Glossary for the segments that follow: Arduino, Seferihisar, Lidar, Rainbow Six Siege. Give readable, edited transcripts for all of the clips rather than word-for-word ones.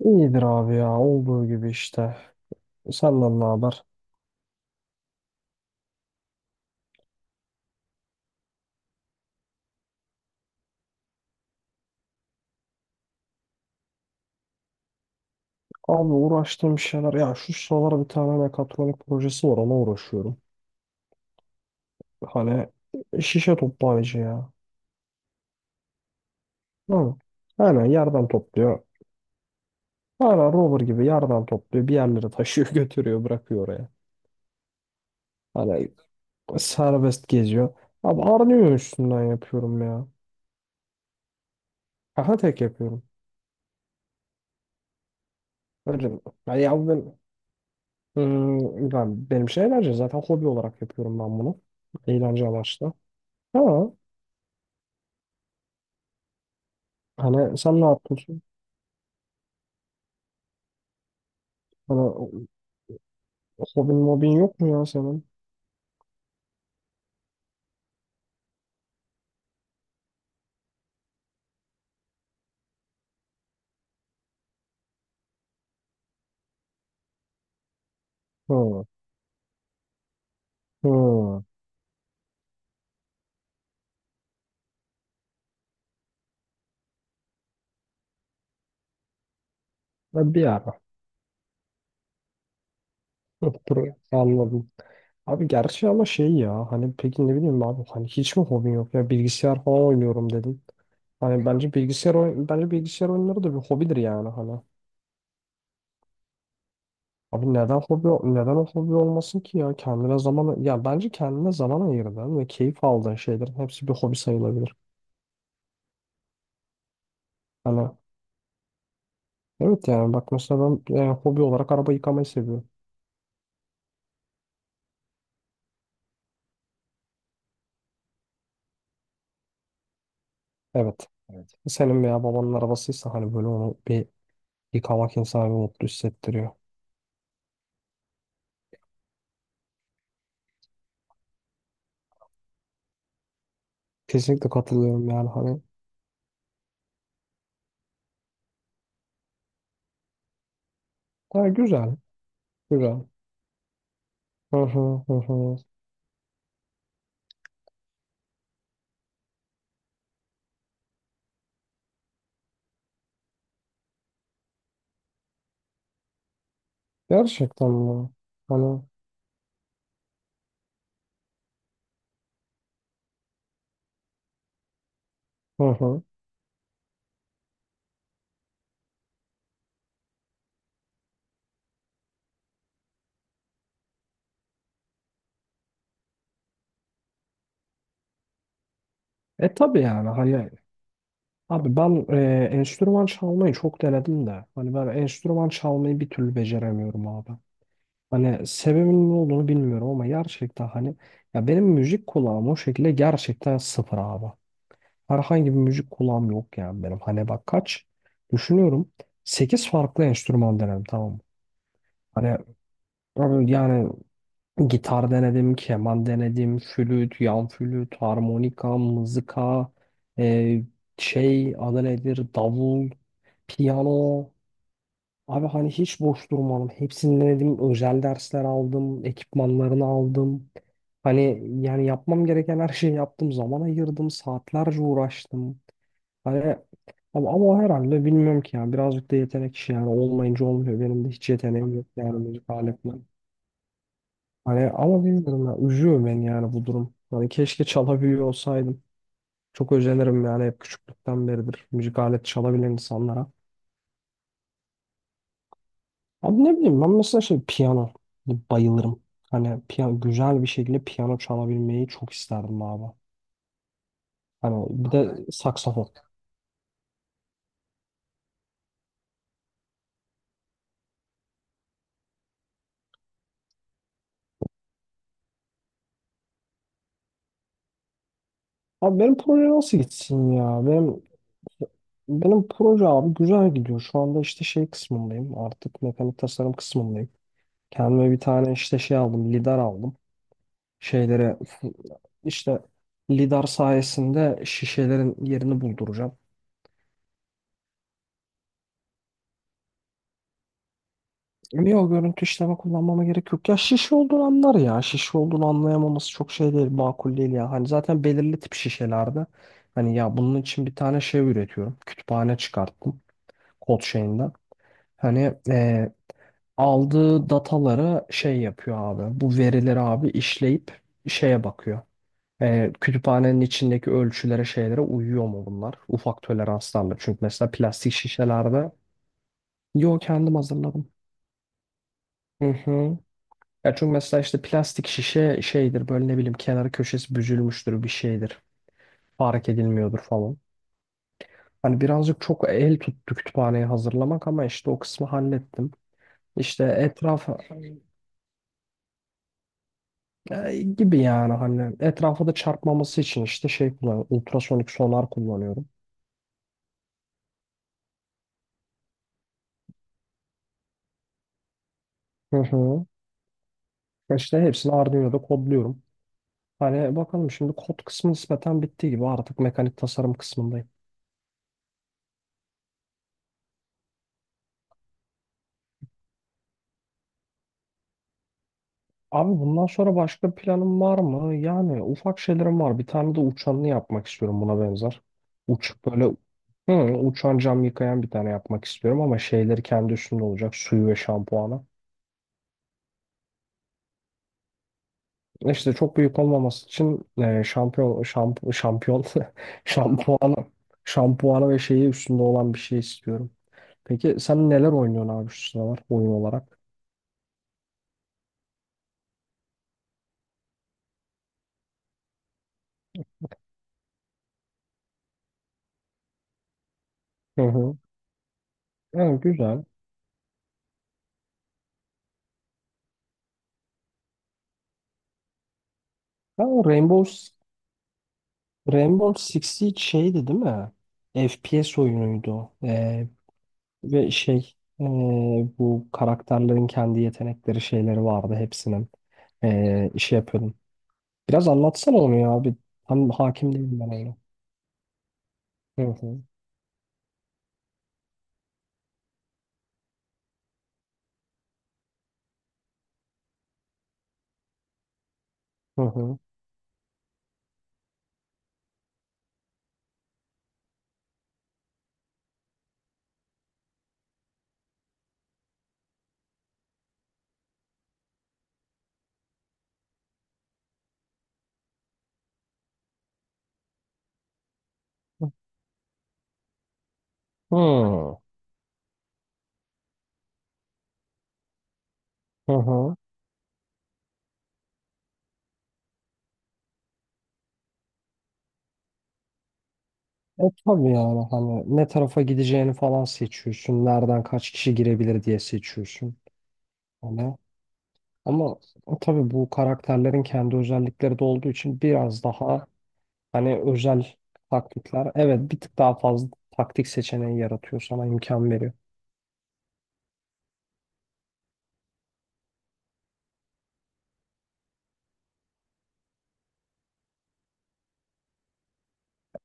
İyidir abi ya olduğu gibi işte. Senden ne haber? Abi uğraştığım şeyler ya şu sıralar bir tane mekatronik projesi var, ona uğraşıyorum. Hani şişe toplayıcı ya. Hı. Aynen yerden topluyor. Aynen rover gibi yerden topluyor. Bir yerlere taşıyor götürüyor, bırakıyor oraya. Hani serbest geziyor. Abi Arduino üstünden yapıyorum ya. Aha, tek yapıyorum. Öyle mi? Ya ben benim şey eğlence, zaten hobi olarak yapıyorum ben bunu. Eğlence amaçlı. Ha. Hani sen ne yapıyorsun? Hani hobin mobin yok mu ya senin? Hı. Hı. Ha, bir ara. Hı, dur, anladım. Abi gerçi ama şey ya hani, peki ne bileyim abi, hani hiç mi hobin yok ya, bilgisayar falan oynuyorum dedin. Hani bence bilgisayar oyunları da bir hobidir yani, hani. Abi neden o hobi olmasın ki ya, kendine zaman, ya bence kendine zaman ayırdığın ve keyif aldığın şeylerin hepsi bir hobi sayılabilir. Hani evet, yani bak mesela ben hobi olarak araba yıkamayı seviyorum. Evet. Evet. Senin veya babanın arabasıysa, hani böyle onu bir yıkamak insanı bir mutlu hissettiriyor. Kesinlikle katılıyorum yani, hani. Ha, güzel. Güzel. Hı hı hı hı. Gerçekten mi? Hani hı hı. E tabii, yani hani abi ben enstrüman çalmayı çok denedim de, hani ben enstrüman çalmayı bir türlü beceremiyorum abi. Hani sebebinin ne olduğunu bilmiyorum ama, gerçekten hani, ya benim müzik kulağım o şekilde gerçekten sıfır abi. Herhangi bir müzik kulağım yok yani benim. Hani bak, kaç düşünüyorum. Sekiz farklı enstrüman denedim, tamam mı? Hani abi yani, gitar denedim, keman denedim, flüt, yan flüt, harmonika, mızıka, e, şey adı nedir, davul, piyano. Abi hani hiç boş durmadım. Hepsini denedim. Özel dersler aldım, ekipmanlarını aldım. Hani yani yapmam gereken her şeyi yaptım. Zaman ayırdım, saatlerce uğraştım. Hani ama o herhalde bilmiyorum ki, yani birazcık da yetenek işi yani, olmayınca olmuyor. Benim de hiç yeteneğim yok yani müzik aletine. Hani ama bilmiyorum ya, üzüyor beni yani bu durum. Hani keşke çalabiliyor olsaydım. Çok özenirim yani, hep küçüklükten beridir müzik aleti çalabilen insanlara. Abi ne bileyim, ben mesela şey piyano, bayılırım. Hani piyano, güzel bir şekilde piyano çalabilmeyi çok isterdim abi. Hani bir de ben, saksafon. Abi benim proje nasıl gitsin ya? Benim proje abi güzel gidiyor. Şu anda işte şey kısmındayım. Artık mekanik tasarım kısmındayım. Kendime bir tane işte şey aldım. Lidar aldım. Şeylere işte, lidar sayesinde şişelerin yerini bulduracağım. Niye, o görüntü işleme kullanmama gerek yok. Ya şişe olduğunu anlar ya. Şişe olduğunu anlayamaması çok şey değil. Makul değil ya. Hani zaten belirli tip şişelerde. Hani ya bunun için bir tane şey üretiyorum. Kütüphane çıkarttım. Kod şeyinden. Hani aldığı datalara şey yapıyor abi. Bu verileri abi işleyip şeye bakıyor. Kütüphanenin içindeki ölçülere, şeylere uyuyor mu bunlar? Ufak toleranslarla. Çünkü mesela plastik şişelerde, yo, kendim hazırladım. Hı hı. Ya çünkü mesela işte plastik şişe şeydir, böyle ne bileyim kenarı köşesi büzülmüştür, bir şeydir. Fark edilmiyordur falan. Hani birazcık çok el tuttu kütüphaneyi hazırlamak, ama işte o kısmı hallettim. İşte etrafa. Gibi yani, hani etrafa da çarpmaması için işte şey kullanıyorum. Ultrasonik sonar kullanıyorum. Hı hı. İşte hepsini Arduino'da kodluyorum. Hani bakalım, şimdi kod kısmı nispeten bittiği gibi artık mekanik tasarım kısmındayım. Abi bundan sonra başka planım var mı? Yani ufak şeylerim var. Bir tane de uçanını yapmak istiyorum, buna benzer. Uç böyle hı, uçan cam yıkayan bir tane yapmak istiyorum, ama şeyleri kendi üstünde olacak. Suyu ve şampuanı. İşte çok büyük olmaması için, e, şampiyon şamp şampiyon şampuanı şampuanı ve şeyi üstünde olan bir şey istiyorum. Peki sen neler oynuyorsun abi şu sıralar oyun olarak? Hı hı. Evet, güzel. Ha, o Rainbow Six Siege şeydi değil mi? FPS oyunuydu o. Ve şey, e, bu karakterlerin kendi yetenekleri şeyleri vardı hepsinin. Şey yapıyordum. Biraz anlatsana onu ya abi. Tam hakim değilim ben ona. Hı hı. Hı hı. Hmm. Hı hı. E tabii, yani hani ne tarafa gideceğini falan seçiyorsun. Nereden kaç kişi girebilir diye seçiyorsun. Hani ama tabii bu karakterlerin kendi özellikleri de olduğu için biraz daha hani özel taktikler. Evet, bir tık daha fazla taktik seçeneği yaratıyor, sana imkan veriyor.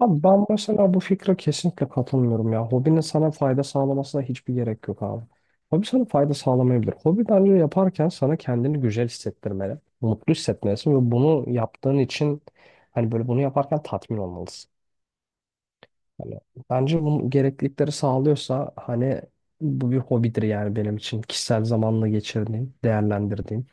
Abi ben mesela bu fikre kesinlikle katılmıyorum ya. Hobinin sana fayda sağlamasına hiçbir gerek yok abi. Hobi sana fayda sağlamayabilir. Hobi bence yaparken sana kendini güzel hissettirmeli. Mutlu hissetmelisin ve bunu yaptığın için hani böyle bunu yaparken tatmin olmalısın. Hani bence bunun gereklilikleri sağlıyorsa hani bu bir hobidir yani benim için. Kişisel zamanla geçirdiğim, değerlendirdiğim.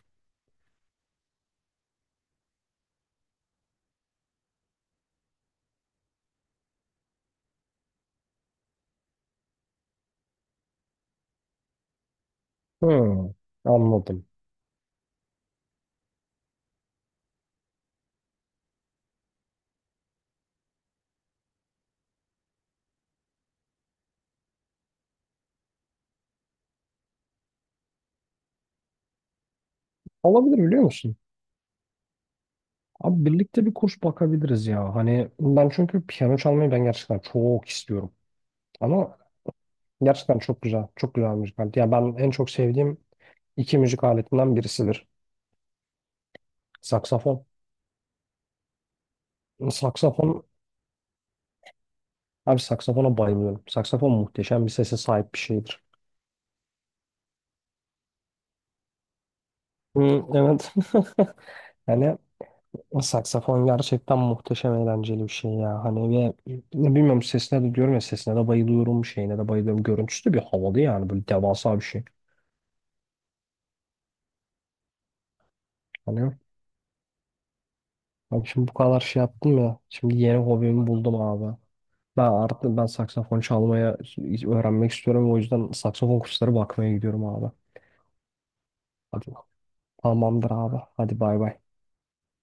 Hmm, anladım. Olabilir biliyor musun? Abi birlikte bir kurs bakabiliriz ya. Hani ben çünkü piyano çalmayı ben gerçekten çok istiyorum. Ama gerçekten çok güzel, çok güzel müzik aleti. Yani ben en çok sevdiğim iki müzik aletinden birisidir. Saksafon. Saksafon, abi saksafona bayılıyorum. Saksafon muhteşem bir sese sahip bir şeydir. Hı, evet. Yani o saksafon gerçekten muhteşem eğlenceli bir şey ya. Hani ve ne bilmiyorum, sesine de diyorum ya, sesine de bayılıyorum, şeyine de bayılıyorum. Görüntüsü de bir havalı yani, böyle devasa bir şey. Hani abi şimdi bu kadar şey yaptım ya. Şimdi yeni hobimi buldum abi. Ben artık saksafon öğrenmek istiyorum. O yüzden saksafon kursları bakmaya gidiyorum abi. Hadi. Tamamdır abi. Hadi bay bay.